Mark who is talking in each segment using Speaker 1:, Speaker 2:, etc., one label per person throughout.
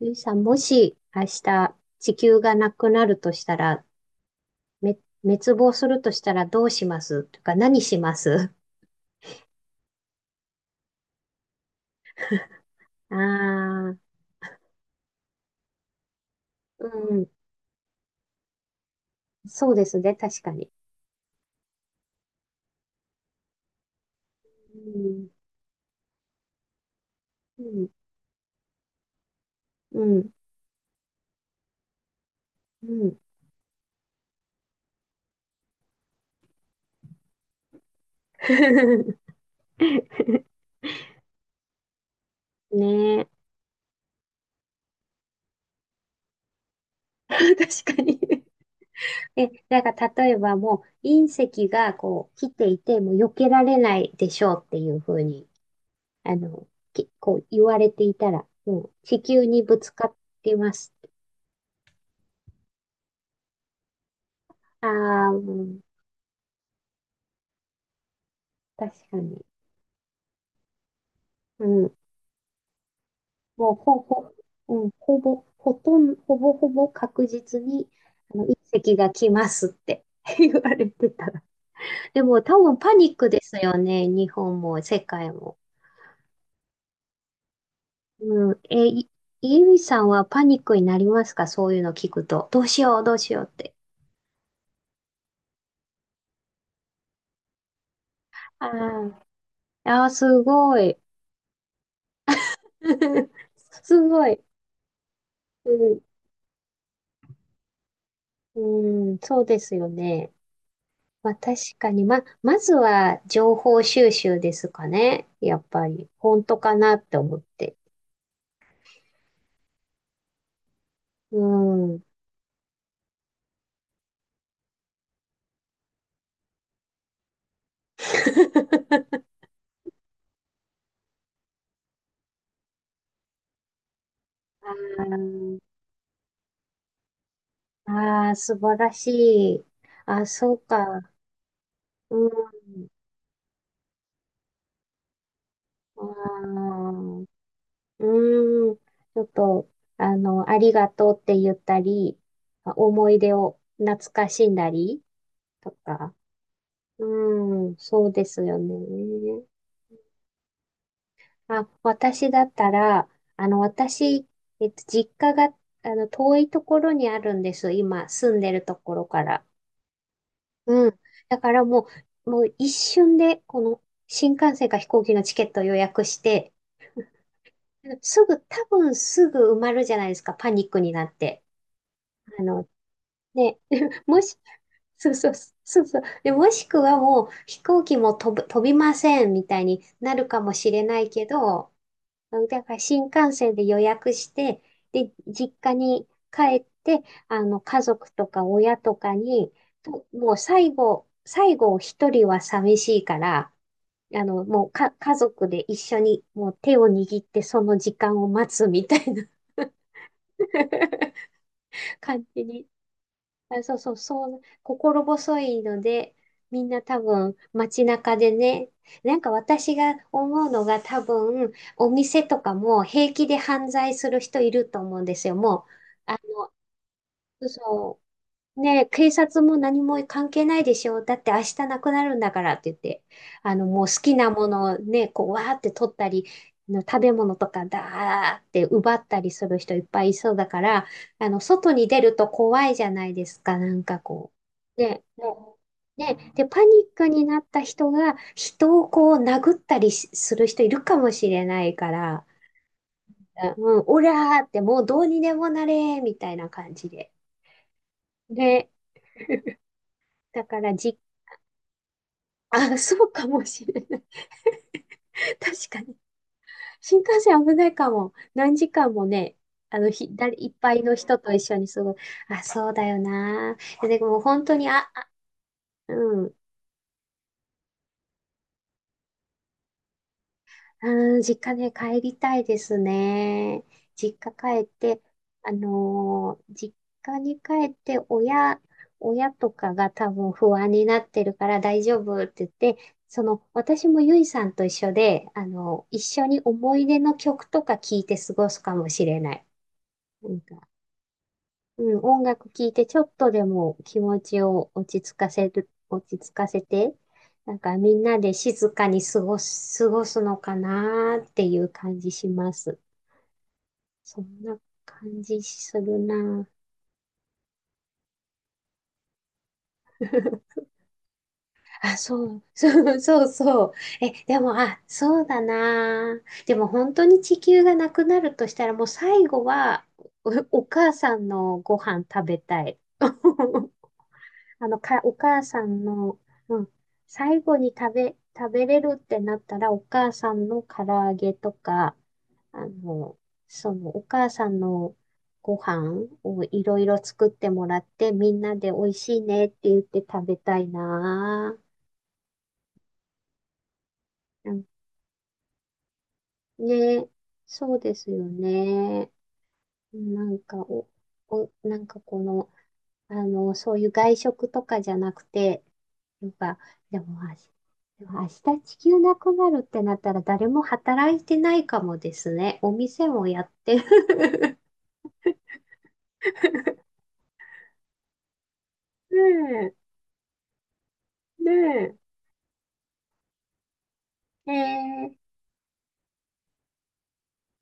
Speaker 1: ゆいさん、もし明日地球がなくなるとしたら、め、滅亡するとしたらどうしますとか何します？ ああ、うん、そうですね、確かに。うん、うん、うん。うん。 ねえ。確かに。なんか例えばもう隕石がこう来ていてもう避けられないでしょうっていうふうに、あの、こう言われていたら、もう地球にぶつかってます。ああ、うん、確かに。うん。もうほぼ、うん、ほぼ、ほとんど、ほぼほぼ確実に、隕石が来ますって 言われてたら。でも多分パニックですよね。日本も世界も。うん。イービさんはパニックになりますか？そういうの聞くと。どうしよう、どうしようって。ああ、ああ、すごい。すごい。うん、うん、そうですよね。まあ確かに、まずは情報収集ですかね。やっぱり。本当かなって思って。うん。あー、あー、素晴らしい。あ、そうか。うん。あー、うん。ちょっと、ありがとうって言ったり、思い出を懐かしんだりとか。うん、そうですよね。あ、私だったら、私、実家が、遠いところにあるんです。今、住んでるところから。うん。だからもう一瞬で、この、新幹線か飛行機のチケットを予約して、すぐ、多分すぐ埋まるじゃないですか、パニックになって。あの、ね、もし、そうそう、そうそう。で、もしくはもう、飛行機も飛びません、みたいになるかもしれないけど、だから新幹線で予約して、で、実家に帰って、家族とか親とかに、もう最後一人は寂しいから、あの、もうか、家族で一緒にもう手を握ってその時間を待つみたいな 感じに。あ、そうそう、そう、心細いので、みんな多分街中でね、なんか私が思うのが多分お店とかも平気で犯罪する人いると思うんですよ。もう、あの、そう、ねえ、警察も何も関係ないでしょ。だって明日なくなるんだからって言って、もう好きなものをね、こう、わーって取ったり、食べ物とかだーって奪ったりする人いっぱいいそうだから、外に出ると怖いじゃないですか、なんかこう。ね、もうね、で、パニックになった人が人をこう殴ったりする人いるかもしれないから、うん、オラーってもうどうにでもなれーみたいな感じで。で、だから実あ、そうかもしれない。確かに。新幹線危ないかも。何時間もね、いっぱいの人と一緒にすごい。あ、そうだよな。でも本当に、うん。うん、実家ね、帰りたいですね。実家帰って、実家に帰って親とかが多分不安になってるから大丈夫って言って、その、私もゆいさんと一緒で、一緒に思い出の曲とか聞いて過ごすかもしれない。うん、音楽聴いてちょっとでも気持ちを落ち着かせて、なんかみんなで静かに過ごすのかなーっていう感じします。そんな感じするなー。 あ、そう、そうそうそう。え、でも、あ、そうだなあ。でも本当に地球がなくなるとしたらもう最後はお母さんのご飯食べたい。お母さんの、うん、最後に食べれるってなったら、お母さんの唐揚げとか、あの、その、お母さんのご飯をいろいろ作ってもらって、みんなで美味しいねって言って食べたいなぁ。うん、ね、そうですよね。なんか、なんかこの、そういう外食とかじゃなくて、なんか、でも、でも明日地球なくなるってなったら誰も働いてないかもですね。お店もやってる。ねえ、ねえ、え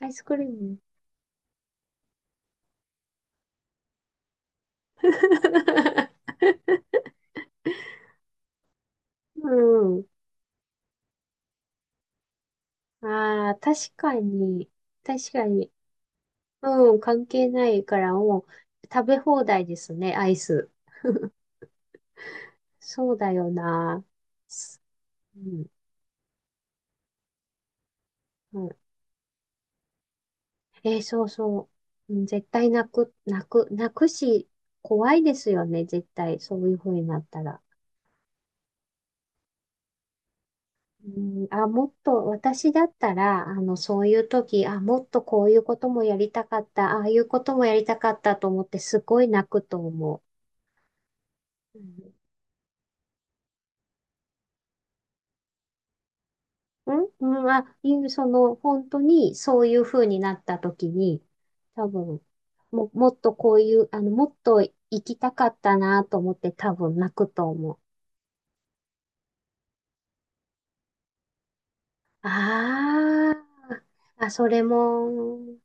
Speaker 1: ー、アイスクリーム。うん。ああ、確かに、確かに。うん、関係ないからもう食べ放題ですね、アイス。そうだよな。うん。そうそう。うん、絶対泣く、泣く、泣くし、怖いですよね、絶対。そういう風になったら。うん、もっと、私だったら、そういう時、あ、もっとこういうこともやりたかった、ああいうこともやりたかったと思って、すごい泣くと思う。うん、うん、その、本当に、そういう風になった時に、多分、もっとこういう、もっと行きたかったなと思って、多分泣くと思う。ああ、あ、それも、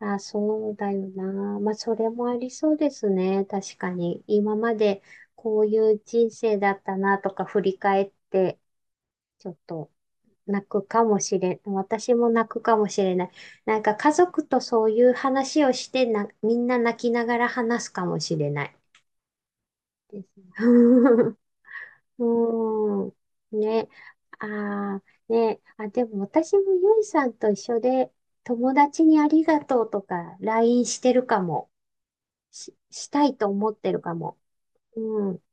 Speaker 1: あ、そうだよな。まあ、それもありそうですね。確かに。今までこういう人生だったなとか振り返って、ちょっと泣くかもしれん。私も泣くかもしれない。なんか家族とそういう話をしてな、みんな泣きながら話すかもしれないですね。うーん。ね。ああ、ね。あ、でも私もゆいさんと一緒で、友達にありがとうとか、LINE してるかも。したいと思ってるかも。うん、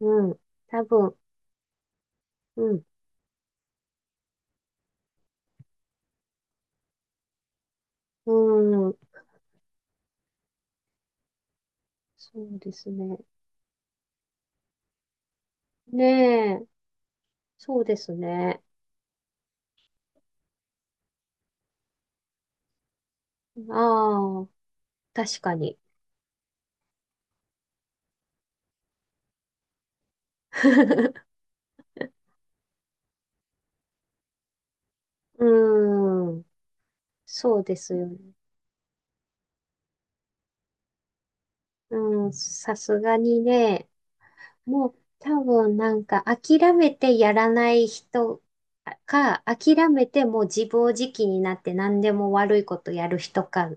Speaker 1: うん。多分、うん、うん。そうですね。ねえ。そうですね。ああ、確かに。うん。そうですよね。うん。さすがにね。もう多分なんか諦めてやらない人か、諦めてもう自暴自棄になって何でも悪いことやる人か、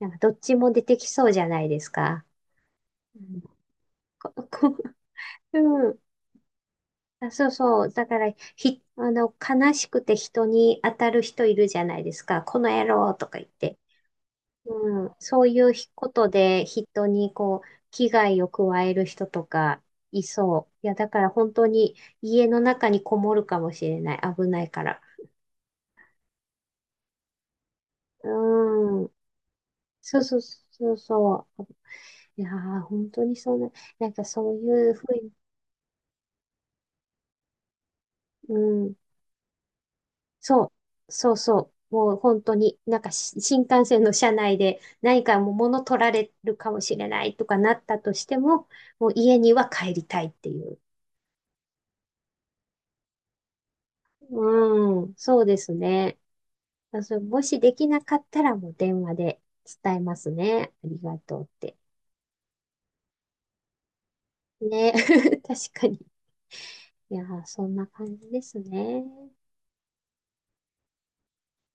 Speaker 1: なんかどっちも出てきそうじゃないですか。うん、ここ、うん、あ、そうそう。だから、ひ、あの、悲しくて人に当たる人いるじゃないですか。この野郎とか言って。うん、そういうことで人にこう危害を加える人とかいそう。いや、だから本当に家の中にこもるかもしれない。危ないから。うん。そうそうそうそう。いやー、本当にそんな、なんかそういうふうに、うん。そう、そうそう。もう本当に、なんか新幹線の車内で何かもう物取られるかもしれないとかなったとしても、もう家には帰りたいっていう。うん、そうですね。まあそう、もしできなかったらもう電話で伝えますね。ありがとうって。ね。確かに。いやー、そんな感じですね。